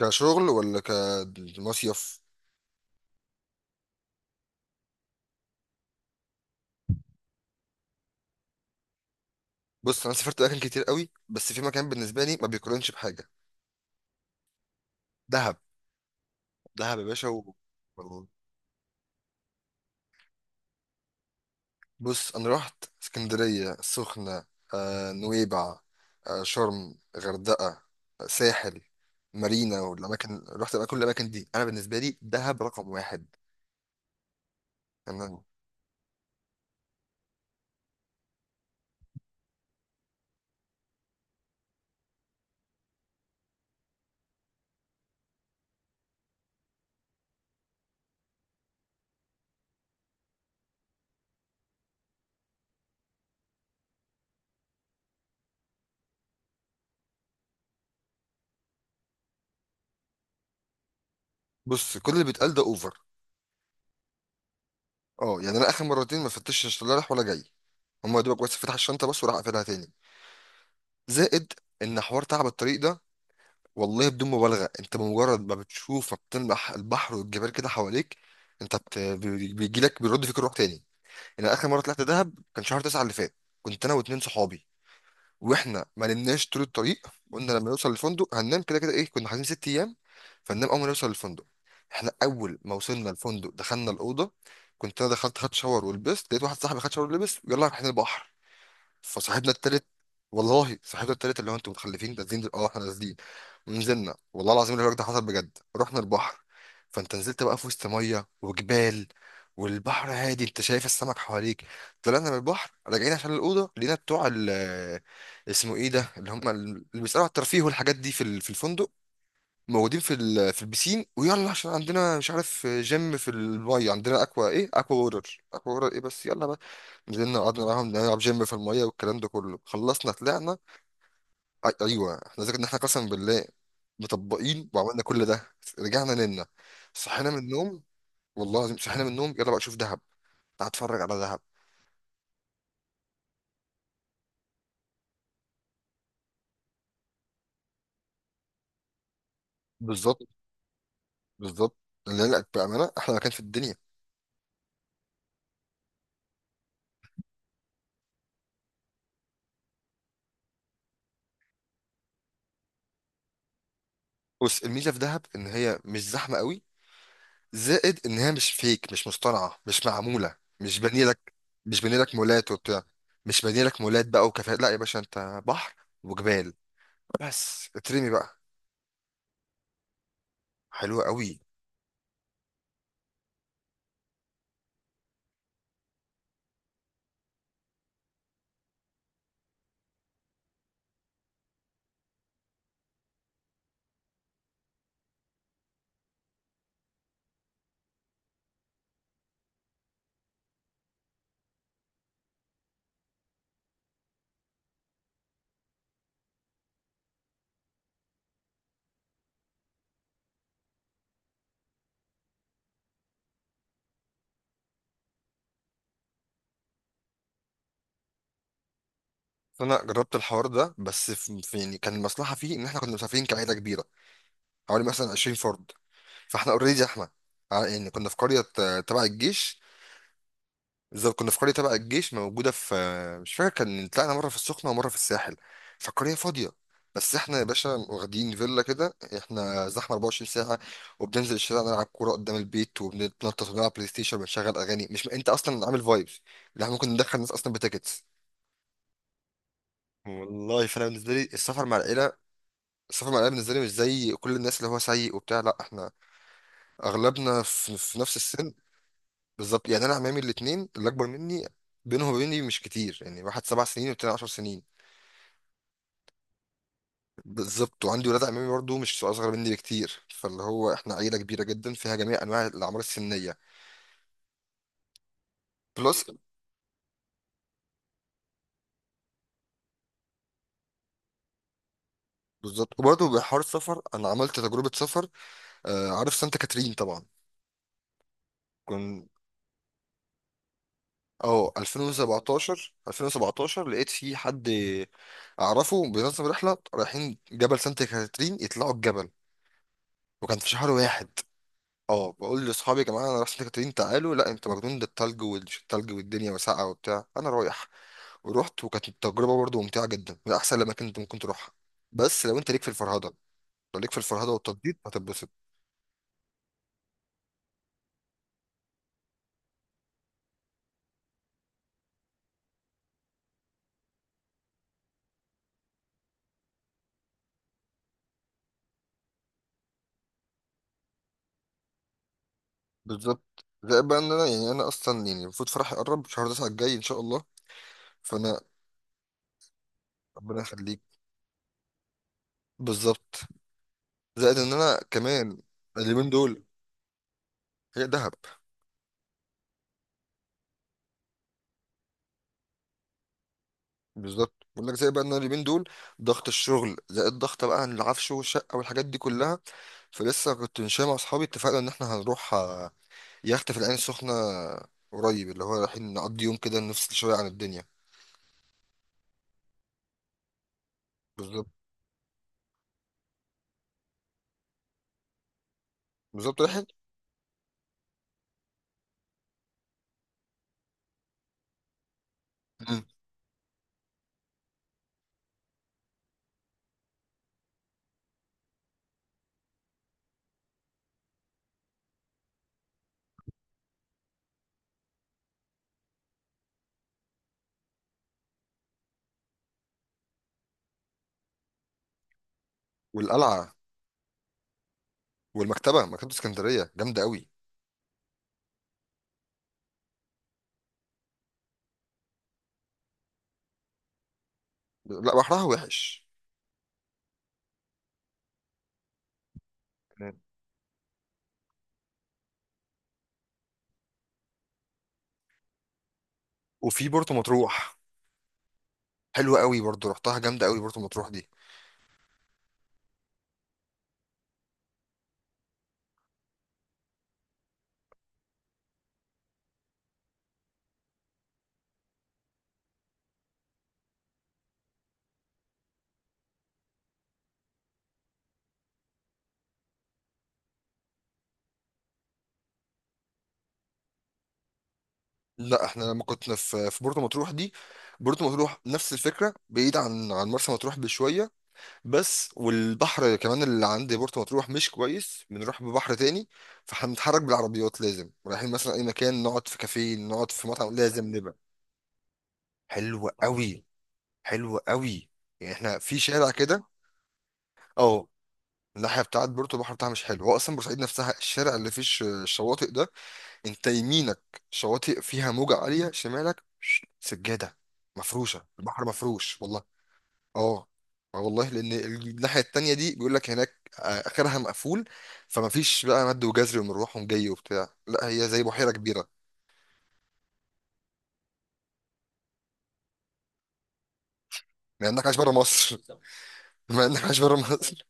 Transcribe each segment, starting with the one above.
كشغل ولا كمصيف. بص انا سافرت اماكن كتير قوي، بس في مكان بالنسبه لي ما بيقارنش بحاجه. دهب. دهب يا باشا بص انا رحت اسكندريه، السخنه، نويبع، شرم، غردقه، ساحل، مارينا والاماكن. رحت بقى كل الاماكن دي، انا بالنسبه لي دهب رقم واحد. انا بص كل اللي بيتقال ده اوفر. اه يعني انا اخر مرتين ما فتشتش لا رايح ولا جاي. هما يا دوبك بس فتح الشنطه بس وراح قافلها تاني. زائد ان حوار تعب الطريق ده، والله بدون مبالغة انت بمجرد ما بتشوف بتلمح البحر والجبال كده حواليك، انت بيجيلك بيرد فيك الروح تاني. انا اخر مرة طلعت دهب كان شهر تسعة اللي فات. كنت انا واتنين صحابي، واحنا ما نمناش طول الطريق. قلنا لما نوصل الفندق هننام، كده كده ايه كنا حاجزين 6 ايام فننام اول ما نوصل الفندق. احنا اول ما وصلنا الفندق دخلنا الاوضة، كنت انا دخلت خدت شاور ولبست، لقيت واحد صاحبي خد شاور ولبس، يلا احنا البحر. فصاحبنا التالت، والله صاحبنا التالت اللي هو انتوا متخلفين نازلين اه احنا نازلين. ونزلنا والله العظيم الحوار ده حصل بجد، رحنا البحر. فانت نزلت بقى في وسط ميه وجبال، والبحر هادي انت شايف السمك حواليك. طلعنا من البحر راجعين عشان الاوضه، لقينا بتوع اسمه ايه ده، اللي هم اللي بيسالوا على الترفيه والحاجات دي في في الفندق، موجودين في في البسين، ويلا عشان عندنا مش عارف جيم في الميه، عندنا اكوا ايه اكوا وورر اكوا وورر ايه بس يلا. نزلنا قعدنا معاهم نلعب جيم في المية والكلام ده كله، خلصنا طلعنا. أيوة احنا ذاكر إن احنا قسم بالله مطبقين وعملنا كل ده. رجعنا نمنا، صحينا من النوم، والله العظيم صحينا من النوم يلا بقى شوف دهب، تعال اتفرج على دهب. بالظبط. بالظبط. اللي قالك بأمانة أحلى مكان في الدنيا. بص الميزة في دهب إن هي مش زحمة قوي، زائد إن هي مش فيك، مش مصطنعة، مش معمولة، مش بانية لك. مش بانية لك مولات وبتاع، مش بانية لك مولات بقى وكافيهات. لا يا باشا، أنت بحر وجبال، بس اترمي بقى. حلو قوي. فانا جربت الحوار ده بس يعني كان المصلحه فيه ان احنا كنا مسافرين كعيله كبيره، حوالي مثلا 20 فرد. فاحنا اوريدي احنا يعني كنا في قريه تبع الجيش. بالظبط كنا في قريه تبع الجيش موجوده في، مش فاكر، كان طلعنا مره في السخنه ومره في الساحل. فالقريه فاضيه، بس احنا يا باشا واخدين فيلا كده، احنا زحمه 24 ساعه. وبننزل الشارع نلعب كوره قدام البيت وبنتنطط ونلعب بلاي ستيشن وبنشغل اغاني، مش انت اصلا عامل فايبس اللي احنا ممكن ندخل الناس اصلا بتيكتس. والله فانا بالنسبه لي السفر مع العيله، صف المعلمين بالنسبه لي مش زي كل الناس اللي هو سيء وبتاع. لا احنا اغلبنا في نفس السن. بالظبط، يعني انا عمامي الاثنين اللي اكبر مني بينهم وبيني مش كتير، يعني واحد 7 سنين والتاني 10 سنين. بالظبط وعندي ولاد عمامي برضه مش اصغر مني بكتير، فاللي هو احنا عيله كبيره جدا فيها جميع انواع الاعمار السنيه. بلس. بالظبط وبرضه بحوار السفر انا عملت تجربه سفر. آه، عارف سانتا كاترين طبعا. كن اه 2017. 2017 لقيت في حد اعرفه بينظم رحله، رايحين جبل سانت كاترين يطلعوا الجبل، وكان في شهر واحد. اه، بقول لاصحابي يا جماعه انا رايح سانت كاترين، تعالوا. لا انت مجنون، ده التلج والتلج والدنيا وسقعه وبتاع. انا رايح. ورحت وكانت التجربه برضه ممتعه جدا، من احسن الاماكن اللي ممكن تروحها. بس لو انت ليك في الفرهده، لو ليك في الفرهده والتطبيط هتتبسط. بالظبط، زي بقى ان انا يعني انا اصلا يعني المفروض فرحي يقرب شهر 9 الجاي ان شاء الله فانا. ربنا يخليك. بالظبط. زائد ان انا كمان اليومين دول، هي دهب. بالظبط بقول لك زي بقى ان أنا اليومين دول ضغط الشغل زائد ضغط بقى العفش والشقه والحاجات دي كلها. فلسه كنت ماشي مع اصحابي، اتفقنا ان احنا هنروح يخت في العين السخنه قريب، اللي هو رايحين نقضي يوم كده نفصل شويه عن الدنيا. بالظبط. بالظبط رايحين. مم. والقلعه والمكتبه، مكتبه اسكندريه جامده قوي. لا بحرها وحش. مم. وفي بورتو مطروح. حلوه قوي برضو، رحتها جامده قوي بورتو مطروح دي. لا احنا لما كنا في بورتو مطروح دي، بورتو مطروح نفس الفكره، بعيد عن مرسى مطروح بشويه بس، والبحر كمان اللي عند بورتو مطروح مش كويس، بنروح ببحر تاني فهنتحرك بالعربيات. لازم رايحين مثلا اي مكان نقعد في كافيه نقعد في مطعم لازم نبقى. حلوه قوي. حلوه قوي. يعني احنا في شارع كده. اه، الناحيه بتاعت بورتو البحر بتاعها مش حلو، هو اصلا بورسعيد نفسها الشارع اللي فيه الشواطئ ده، انت يمينك شواطئ فيها موجة عالية، شمالك سجادة مفروشة، البحر مفروش والله. اه. اه والله، لان الناحية التانية دي بيقول لك هناك، اخرها مقفول، فما فيش بقى مد وجزر ومروح ومجي وبتاع، لا هي زي بحيرة كبيرة. مع انك عايش بره مصر مع انك عايش بره مصر.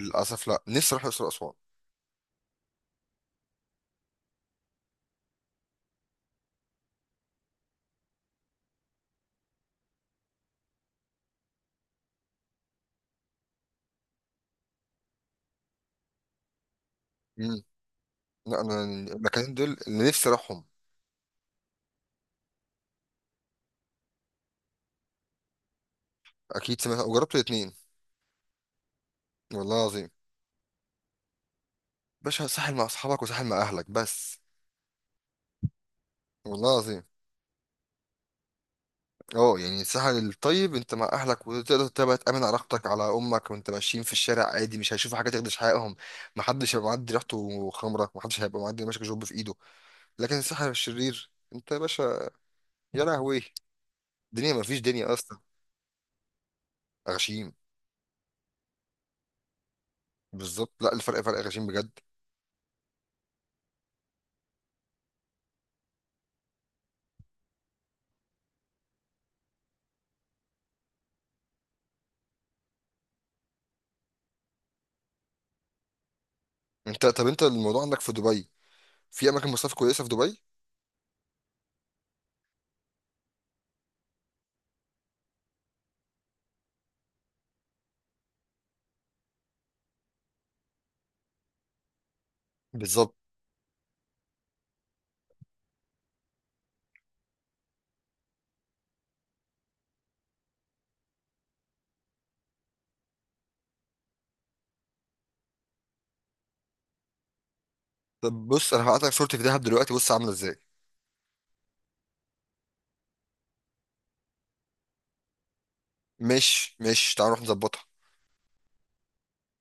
للاسف لا، نفسي اروح الاقصر واسوان. امم. لا انا المكانين دول اللي نفسي اروحهم. اكيد سمعت وجربت الاثنين. والله العظيم. باشا ساحل مع اصحابك وساحل مع اهلك بس. والله العظيم. اه يعني الساحل الطيب انت مع اهلك وتقدر تبقى تامن علاقتك على امك، وانت ماشيين في الشارع عادي، مش هيشوفوا حاجه تخدش حقهم، محدش هيبقى معدي ريحته خمره، محدش هيبقى معدي ماسك جوب في ايده. لكن الساحل الشرير انت يا باشا، يا لهوي. الدنيا مفيش دنيا اصلا. غشيم. بالظبط، لا الفرق فرق غشيم بجد. انت طب انت الموضوع عندك في دبي، في اماكن مصيف كويسه في دبي. بالظبط. طب بص انا هبعت لك صورتي في دهب دلوقتي، بص عامله ازاي. مش تعال نروح نظبطها.